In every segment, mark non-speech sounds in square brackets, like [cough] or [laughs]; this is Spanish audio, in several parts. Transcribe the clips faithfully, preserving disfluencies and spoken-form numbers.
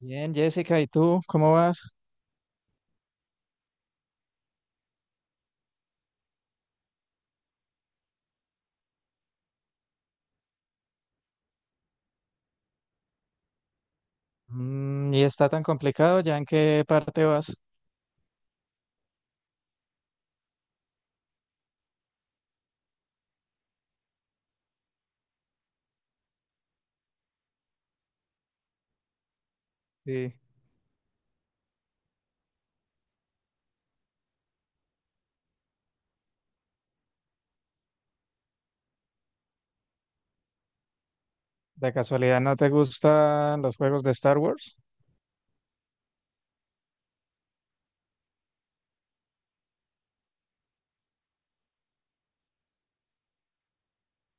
Bien, Jessica, ¿y tú cómo vas? Mm, ¿y está tan complicado? ¿Ya en qué parte vas? Sí. ¿De casualidad no te gustan los juegos de Star Wars?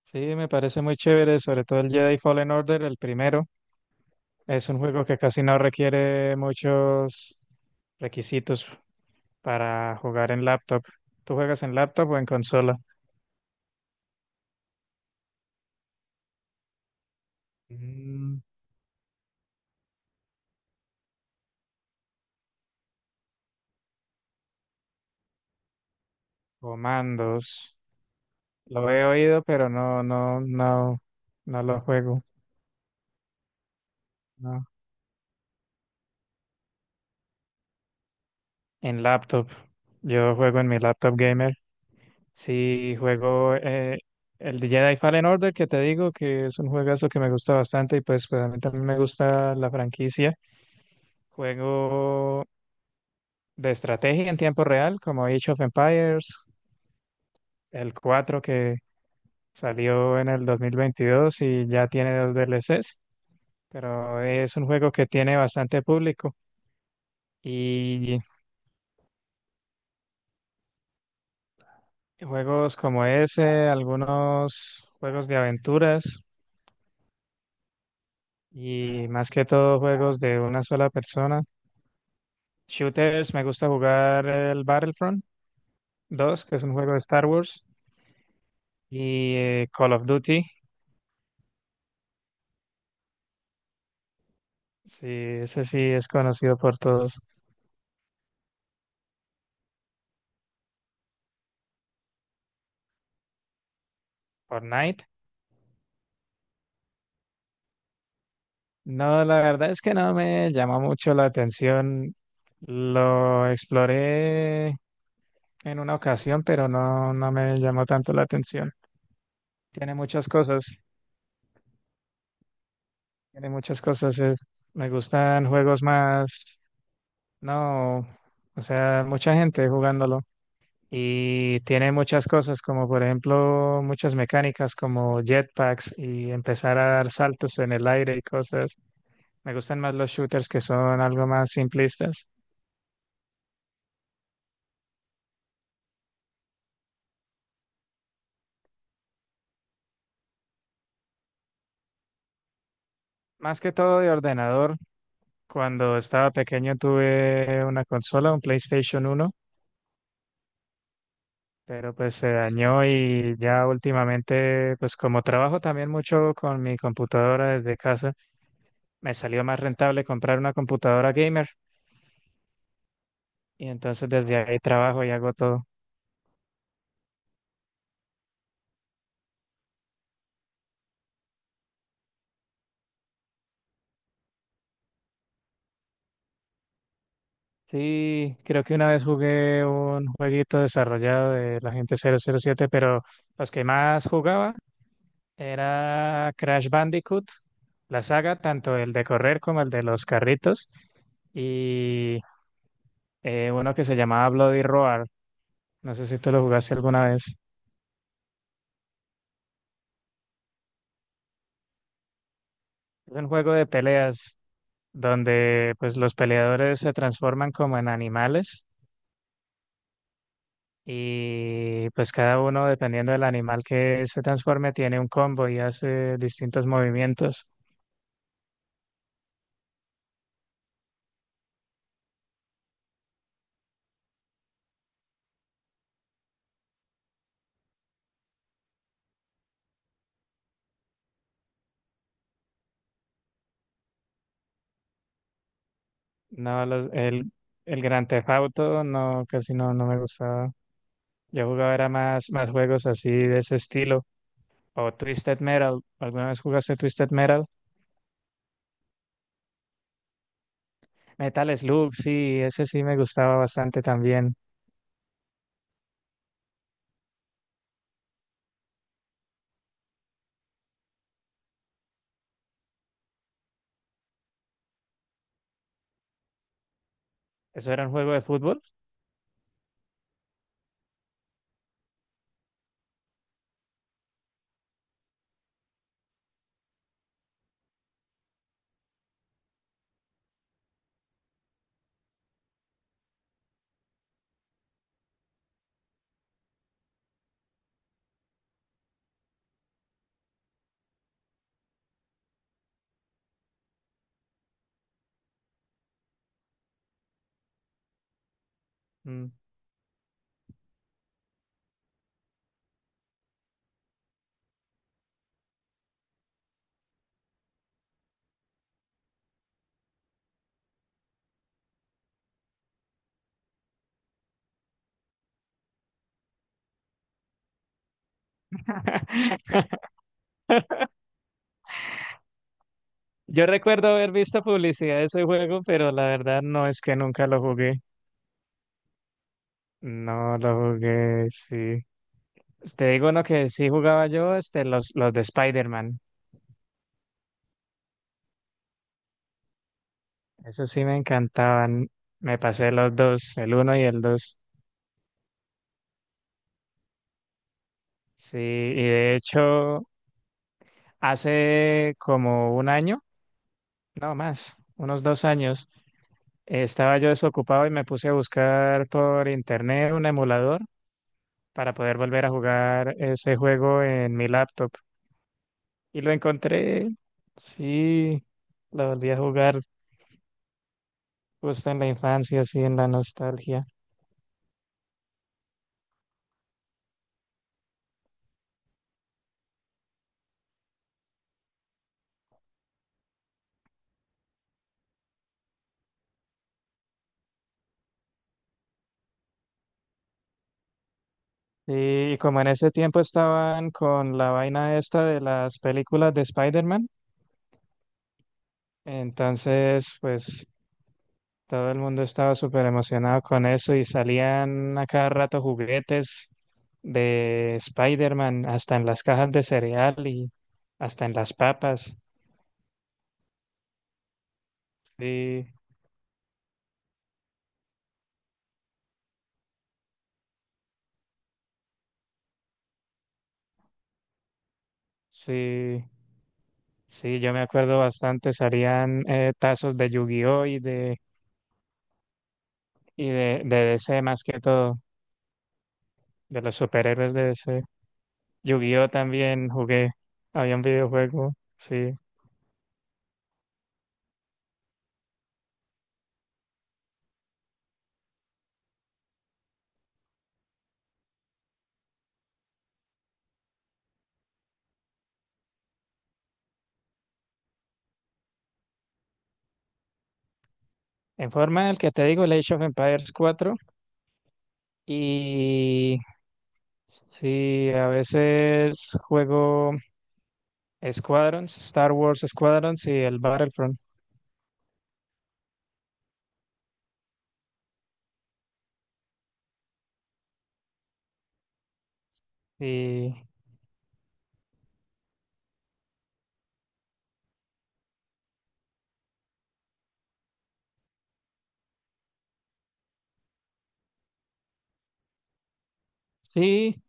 Sí, me parece muy chévere, sobre todo el Jedi Fallen Order, el primero. Es un juego que casi no requiere muchos requisitos para jugar en laptop. ¿Tú juegas en laptop o en consola? Mm, comandos. Lo he oído, pero no, no, no, no lo juego. No. En laptop. Yo juego en mi laptop gamer. Sí, juego eh, el de Jedi Fallen Order, que te digo que es un juegazo que me gusta bastante y pues, pues a mí también me gusta la franquicia. Juego de estrategia en tiempo real, como Age of Empires, el cuatro que salió en el dos mil veintidós y ya tiene dos D L Cs, pero es un juego que tiene bastante público. Y juegos como ese, algunos juegos de aventuras. y más que todo juegos de una sola persona. Shooters, me gusta jugar el Battlefront dos que es un juego de Star Wars, y eh, Call of Duty, sí, ese sí es conocido por todos, Fortnite. No, la verdad es que no me llama mucho la atención. Lo exploré en una ocasión, pero no, no me llamó tanto la atención. Tiene muchas cosas, tiene muchas cosas. Es- me gustan juegos más. No, o sea, mucha gente jugándolo y tiene muchas cosas como por ejemplo muchas mecánicas como jetpacks y empezar a dar saltos en el aire y cosas. Me gustan más los shooters que son algo más simplistas. Más que todo de ordenador, cuando estaba pequeño tuve una consola, un PlayStation uno. pero pues se dañó y ya últimamente, pues como trabajo también mucho con mi computadora desde casa, me salió más rentable comprar una computadora gamer y entonces desde ahí trabajo y hago todo. Sí, creo que una vez jugué un jueguito desarrollado de la gente cero cero siete pero los que más jugaba era Crash Bandicoot, la saga, tanto el de correr como el de los carritos y eh, uno que se llamaba Bloody Roar. No sé si tú lo jugaste alguna vez. Es un juego de peleas donde pues los peleadores se transforman como en animales y pues cada uno dependiendo del animal que se transforme tiene un combo y hace distintos movimientos. No, los, el, el Grand Theft Auto no, casi no, no me gustaba. Yo jugaba era más, más juegos así de ese estilo. O Twisted Metal. ¿Alguna vez jugaste Twisted Metal? Metal Slug, sí, ese sí me gustaba bastante también. ¿Eso era un juego de fútbol? Mm. [laughs] Yo recuerdo haber visto publicidad de ese juego, pero la verdad no es que nunca lo jugué. No lo jugué, sí. Te digo uno que sí jugaba yo, este, los, los de Spider-Man. Esos sí me encantaban. Me pasé los dos, el uno y el dos. Sí, y de hecho, hace como un año, no más, unos dos años, estaba yo desocupado y me puse a buscar por internet un emulador para poder volver a jugar ese juego en mi laptop Y lo encontré, sí, lo volví a jugar justo en la infancia, así en la nostalgia. Sí, Y como en ese tiempo estaban con la vaina esta de las películas de Spider-Man, entonces pues todo el mundo estaba súper emocionado con eso y salían a cada rato juguetes de Spider-Man, hasta en las cajas de cereal y hasta en las papas. Sí, sí. Sí, yo me acuerdo bastante, salían eh, tazos de Yu-Gi-Oh! y de, y de, de D C más que todo, de los superhéroes de D C. Yu-Gi-Oh! También jugué, había un videojuego, sí. En forma el que te digo, el Age of Empires cuatro y sí, a veces juego Squadrons, Star Wars Squadrons y el Battlefront. Y sí,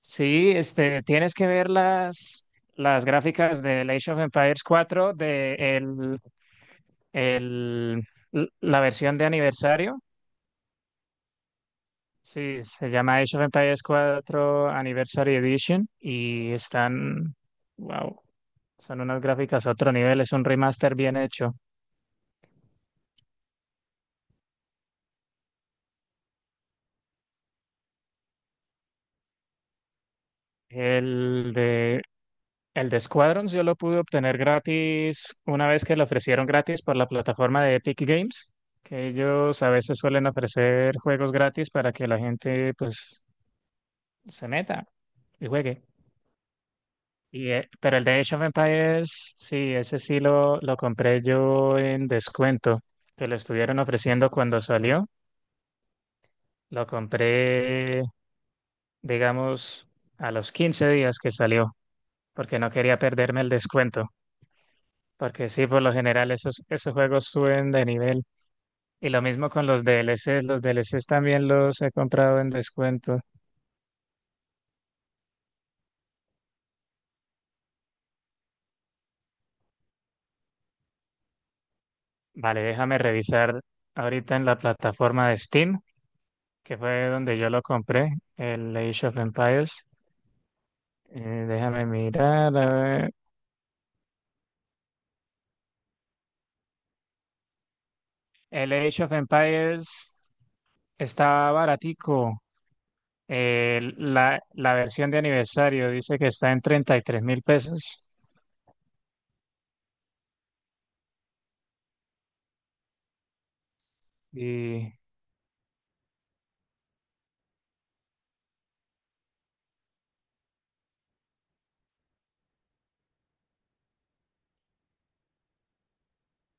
Sí, este, tienes que ver las, las gráficas de Age of Empires cuatro de el, el- l- la versión de aniversario. Sí, se llama Age of Empires cuatro Anniversary Edition y están, wow, son unas gráficas a otro nivel, es un remaster bien hecho. El de El de Squadrons yo lo pude obtener gratis una vez que lo ofrecieron gratis por la plataforma de Epic Games, que ellos a veces suelen ofrecer juegos gratis para que la gente pues se meta y juegue. Y, eh, pero el de Age of Empires, sí, ese sí lo, lo compré yo en descuento, que lo estuvieron ofreciendo cuando salió. Lo compré, digamos, a los quince días que salió, porque no quería perderme el descuento. Porque sí, por lo general esos, esos juegos suben de nivel. Y lo mismo con los D L Cs. Los D L Cs también los he comprado en descuento. Vale, déjame revisar ahorita en la plataforma de Steam, que fue donde yo lo compré, el Age of Empires. Eh, Déjame mirar, a ver. El Age of Empires está baratico. Eh, la, la versión de aniversario dice que está en treinta y tres mil pesos. Y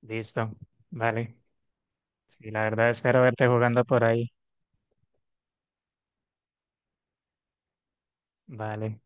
listo, vale. Sí, la verdad espero verte jugando por ahí. Vale.